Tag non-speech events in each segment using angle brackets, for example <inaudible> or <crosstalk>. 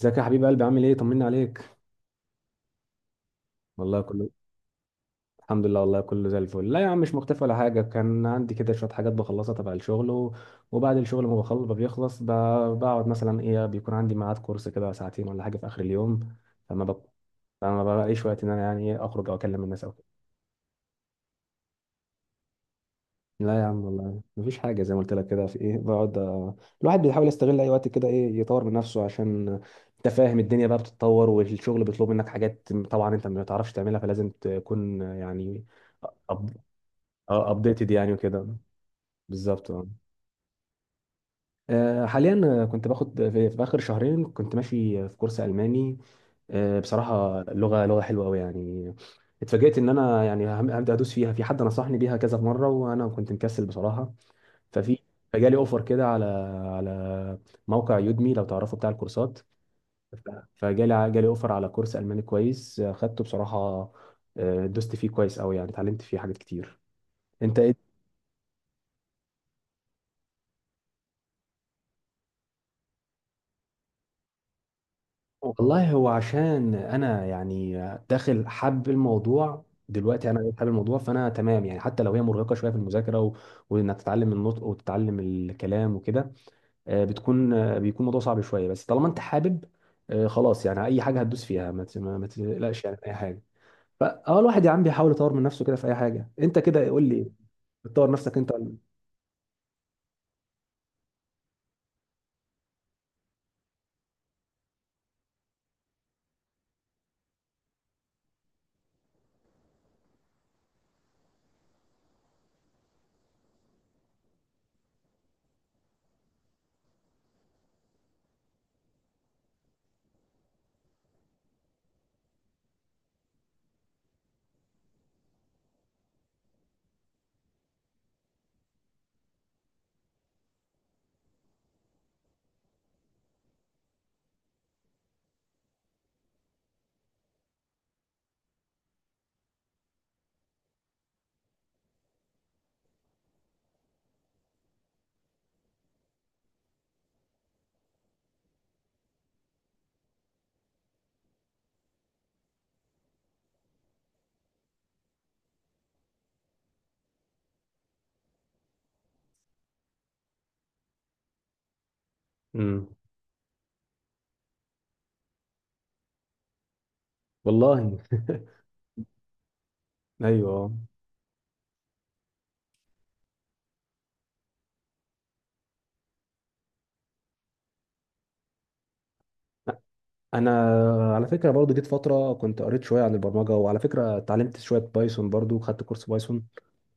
ازيك يا حبيب قلبي، عامل ايه؟ طمني عليك. والله كله الحمد لله، والله كله زي الفل. لا يا عم، مش مختفي ولا حاجه. كان عندي كده شويه حاجات بخلصها تبع الشغل و... وبعد الشغل ما بخلص ما بيخلص ب... بقعد مثلا ايه، بيكون عندي ميعاد كورس كده ساعتين ولا حاجه في اخر اليوم. فما ب... فما بلاقيش وقت ان انا يعني إيه اخرج او اكلم الناس او... لا يا عم والله مفيش حاجة، زي ما قلت لك كده في ايه، بقعد. الواحد بيحاول يستغل اي وقت كده ايه، يطور من نفسه عشان انت فاهم، الدنيا بقى بتتطور، والشغل بيطلب منك حاجات طبعا انت ما تعرفش تعملها، فلازم تكون يعني ابديتد يعني وكده. بالظبط. حاليا، كنت باخد في اخر شهرين كنت ماشي في كورس الماني. بصراحة لغة حلوة قوي يعني. اتفاجئت ان انا يعني هبدا ادوس فيها. في حد نصحني بيها كذا مره وانا كنت مكسل بصراحه. ففي فجالي اوفر كده على موقع يودمي، لو تعرفه بتاع الكورسات. ف- فجالي اوفر على كورس الماني كويس، خدته بصراحه. دوست فيه كويس قوي يعني، اتعلمت فيه حاجات كتير. انت ايه؟ والله هو عشان انا يعني داخل حب الموضوع دلوقتي، انا حابب الموضوع فانا تمام يعني. حتى لو هي مرهقه شويه في المذاكره و... وانك تتعلم النطق وتتعلم الكلام وكده، آه، بتكون آه، بيكون الموضوع صعب شويه بس طالما انت حابب، خلاص يعني، اي حاجه هتدوس فيها ما ت- ما ما تقلقش يعني من اي حاجه. فاه الواحد يا عم بيحاول يطور من نفسه كده في اي حاجه. انت كده قول لي، بتطور نفسك انت ولا-؟ امم، والله ايوه. انا على فكره برضو جيت فتره كنت قريت شويه عن البرمجه، وعلى فكره اتعلمت شويه بايثون، برضو خدت كورس بايثون.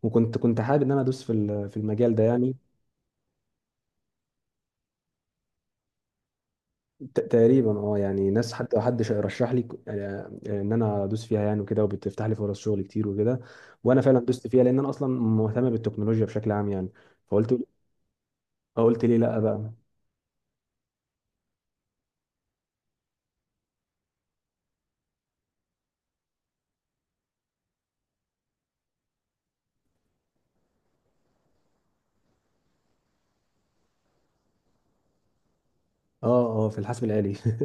وكنت حابب ان انا ادوس في المجال ده يعني. تقريبا، اه يعني، ناس حتى، حد رشح لي ان انا ادوس فيها يعني وكده، وبتفتح لي فرص شغل كتير وكده. وانا فعلا دوست فيها، لان انا اصلا مهتم بالتكنولوجيا بشكل عام يعني. فقلت قلت ليه لا بقى. اه اه، في الحاسب الآلي <laughs>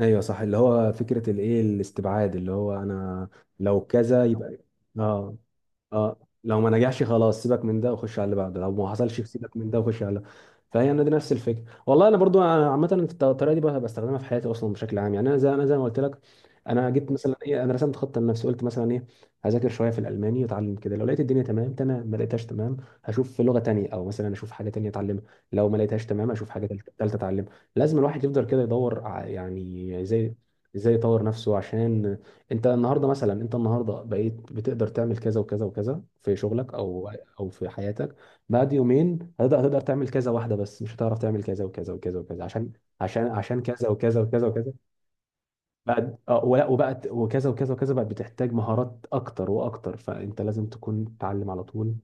ايوه صح، اللي هو فكره الايه، الاستبعاد، اللي هو انا لو كذا يبقى... اه اه، لو ما نجحش خلاص سيبك من ده وخش على اللي بعده، لو ما حصلش سيبك من ده وخش على اللي... فهي انا دي نفس الفكره. والله انا برضو عامه في الطريقه دي بقى بستخدمها في حياتي اصلا بشكل عام يعني. انا زي ما قلت لك، انا جيت مثلا ايه، انا رسمت خطه لنفسي، قلت مثلا ايه: هذاكر شويه في الالماني واتعلم كده، لو لقيت الدنيا تمام تمام، ما لقيتهاش تمام هشوف في لغه تانية، او مثلا اشوف حاجه تانية اتعلمها. لو ما لقيتهاش تمام اشوف حاجه تالتة اتعلمها. لازم الواحد يفضل كده يدور يعني ازاي يطور نفسه. عشان انت النهارده مثلا، انت النهارده بقيت بتقدر تعمل كذا وكذا وكذا في شغلك، او او في حياتك. بعد يومين هتقدر تعمل كذا واحده بس، مش هتعرف تعمل كذا وكذا وكذا وكذا عشان عشان كذا وكذا وكذا وكذا. بعد اه ولا وبقت وكذا وكذا وكذا، بقت بتحتاج مهارات اكتر واكتر، فانت لازم تكون تتعلم على طول.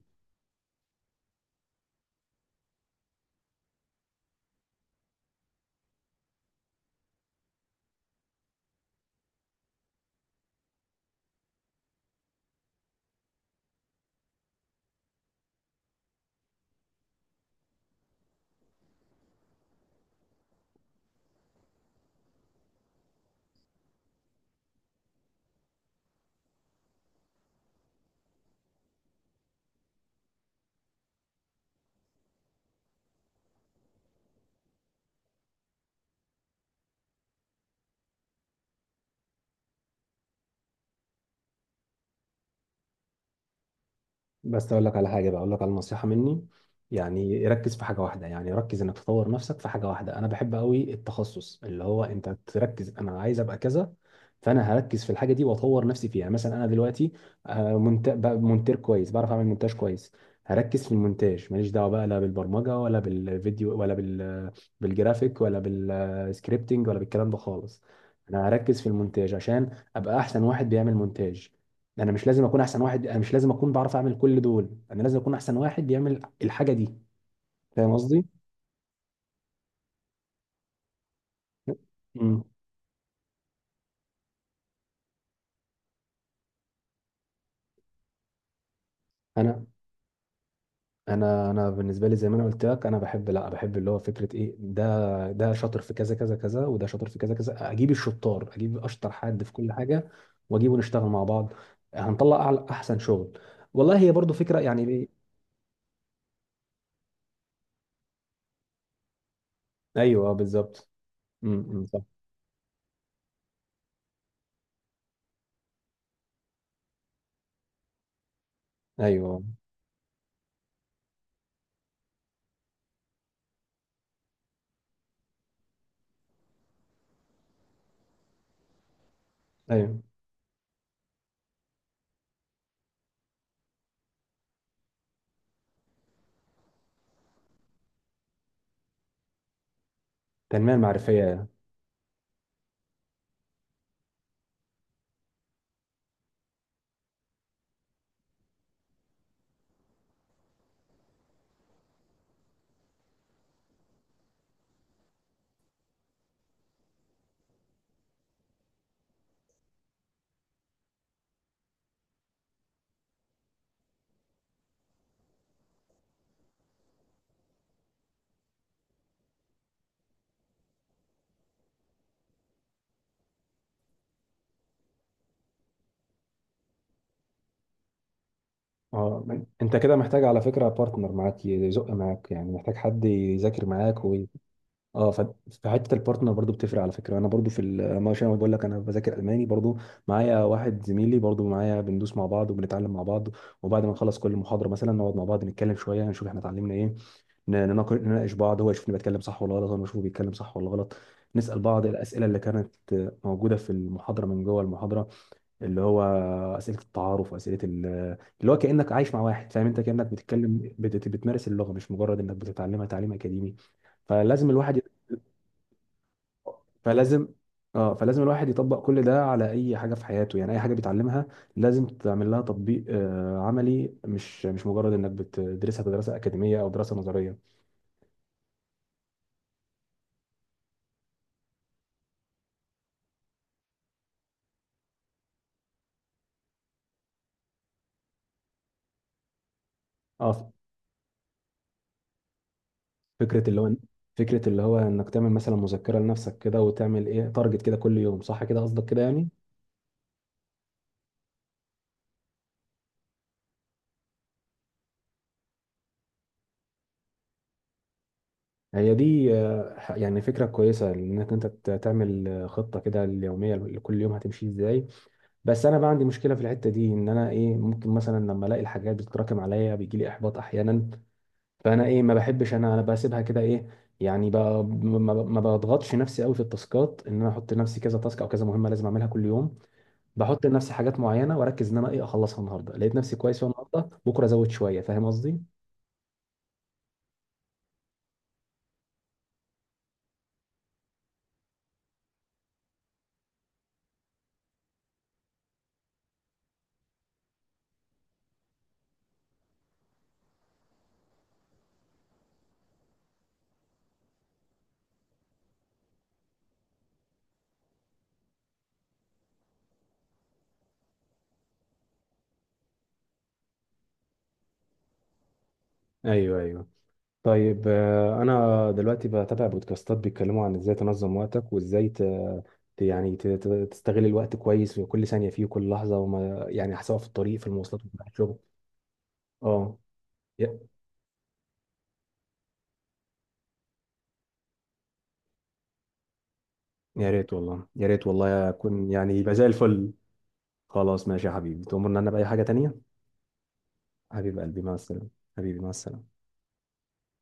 بس اقول لك على حاجه بقى، اقول لك على نصيحه مني يعني. ركز في حاجه واحده، يعني ركز انك تطور نفسك في حاجه واحده. انا بحب قوي التخصص، اللي هو انت تركز. انا عايز ابقى كذا، فانا هركز في الحاجه دي واطور نفسي فيها يعني. مثلا انا دلوقتي بقى مونتير كويس، بعرف اعمل مونتاج كويس. هركز في المونتاج، ماليش دعوه بقى لا بالبرمجه ولا بالفيديو ولا بال بالجرافيك ولا بالسكريبتنج ولا بالكلام ده خالص. انا هركز في المونتاج عشان ابقى احسن واحد بيعمل مونتاج. انا مش لازم اكون احسن واحد، انا مش لازم اكون بعرف اعمل كل دول، انا لازم اكون احسن واحد بيعمل الحاجه دي. فاهم قصدي؟ امم. انا انا بالنسبه لي زي ما انا قلت لك، انا بحب، لا، بحب اللي هو فكره ايه، ده ده شاطر في كذا كذا كذا، وده شاطر في كذا كذا، اجيب الشطار، اشطر حد في كل حاجه، واجيبه نشتغل مع بعض، هنطلع اعلى احسن شغل. والله هي برضو فكره يعني ايوه، بالظبط. امم، أمم، صح. ايوه ايوه. تنميه معرفيه. اه، انت كده محتاج على فكره بارتنر معاك يزق معاك، يعني محتاج حد يذاكر معاك اه فحته البارتنر برضو بتفرق على فكره. انا برضو في ال- ما عشان أنا بقول لك، انا بذاكر الماني برضو معايا واحد زميلي برضو معايا. بندوس مع بعض وبنتعلم مع بعض، وبعد ما نخلص كل محاضره مثلا نقعد مع بعض نتكلم شويه نشوف احنا اتعلمنا ايه. نناقش بعض، هو يشوفني بتكلم صح ولا غلط، وانا بشوفه بيتكلم صح ولا غلط. نسال بعض الاسئله اللي كانت موجوده في المحاضره، من جوه المحاضره، اللي هو اسئله التعارف واسئله اللي هو كانك عايش مع واحد، فاهم؟ انت كانك بتتكلم، بتمارس اللغه، مش مجرد انك بتتعلمها تعليم اكاديمي. فلازم الواحد يط- فلازم، اه فلازم الواحد يطبق كل ده على اي حاجه في حياته، يعني اي حاجه بيتعلمها لازم تعمل لها تطبيق عملي، مش مجرد انك بتدرسها دراسه اكاديميه او دراسه نظريه. اه، فكره اللي هو فكره اللي هو انك تعمل مثلا مذكره لنفسك كده، وتعمل ايه تارجت كده كل يوم، صح كده، قصدك كده يعني؟ هي دي يعني فكرة كويسة، انك انت تعمل خطة كده اليومية، لكل يوم هتمشي ازاي. بس انا بقى عندي مشكلة في الحتة دي، ان انا ايه، ممكن مثلا لما الاقي الحاجات بتتراكم عليا بيجي لي احباط احيانا. فانا ايه، ما بحبش، انا بسيبها كده ايه. يعني ب- ما ما- ما بضغطش نفسي قوي في التاسكات، ان انا احط لنفسي كذا تاسك او كذا مهمة لازم اعملها كل يوم. بحط لنفسي حاجات معينة، واركز ان انا ايه اخلصها النهاردة، لقيت نفسي كويس فيها النهاردة، بكرة ازود شوية. فاهم قصدي؟ ايوه، ايوه. طيب، انا دلوقتي بتابع بودكاستات بيتكلموا عن ازاي تنظم وقتك وازاي تستغل الوقت كويس في كل ثانية فيه وكل لحظة، وما يعني، سواء في الطريق، في المواصلات، وفي الشغل. اه. يا يا ريت والله، يا ريت والله اكون يعني يبقى زي الفل. خلاص ماشي يا حبيبي، تؤمرني انا بأي حاجة تانية. حبيب قلبي مع السلامة. حبيبي مع السلامة.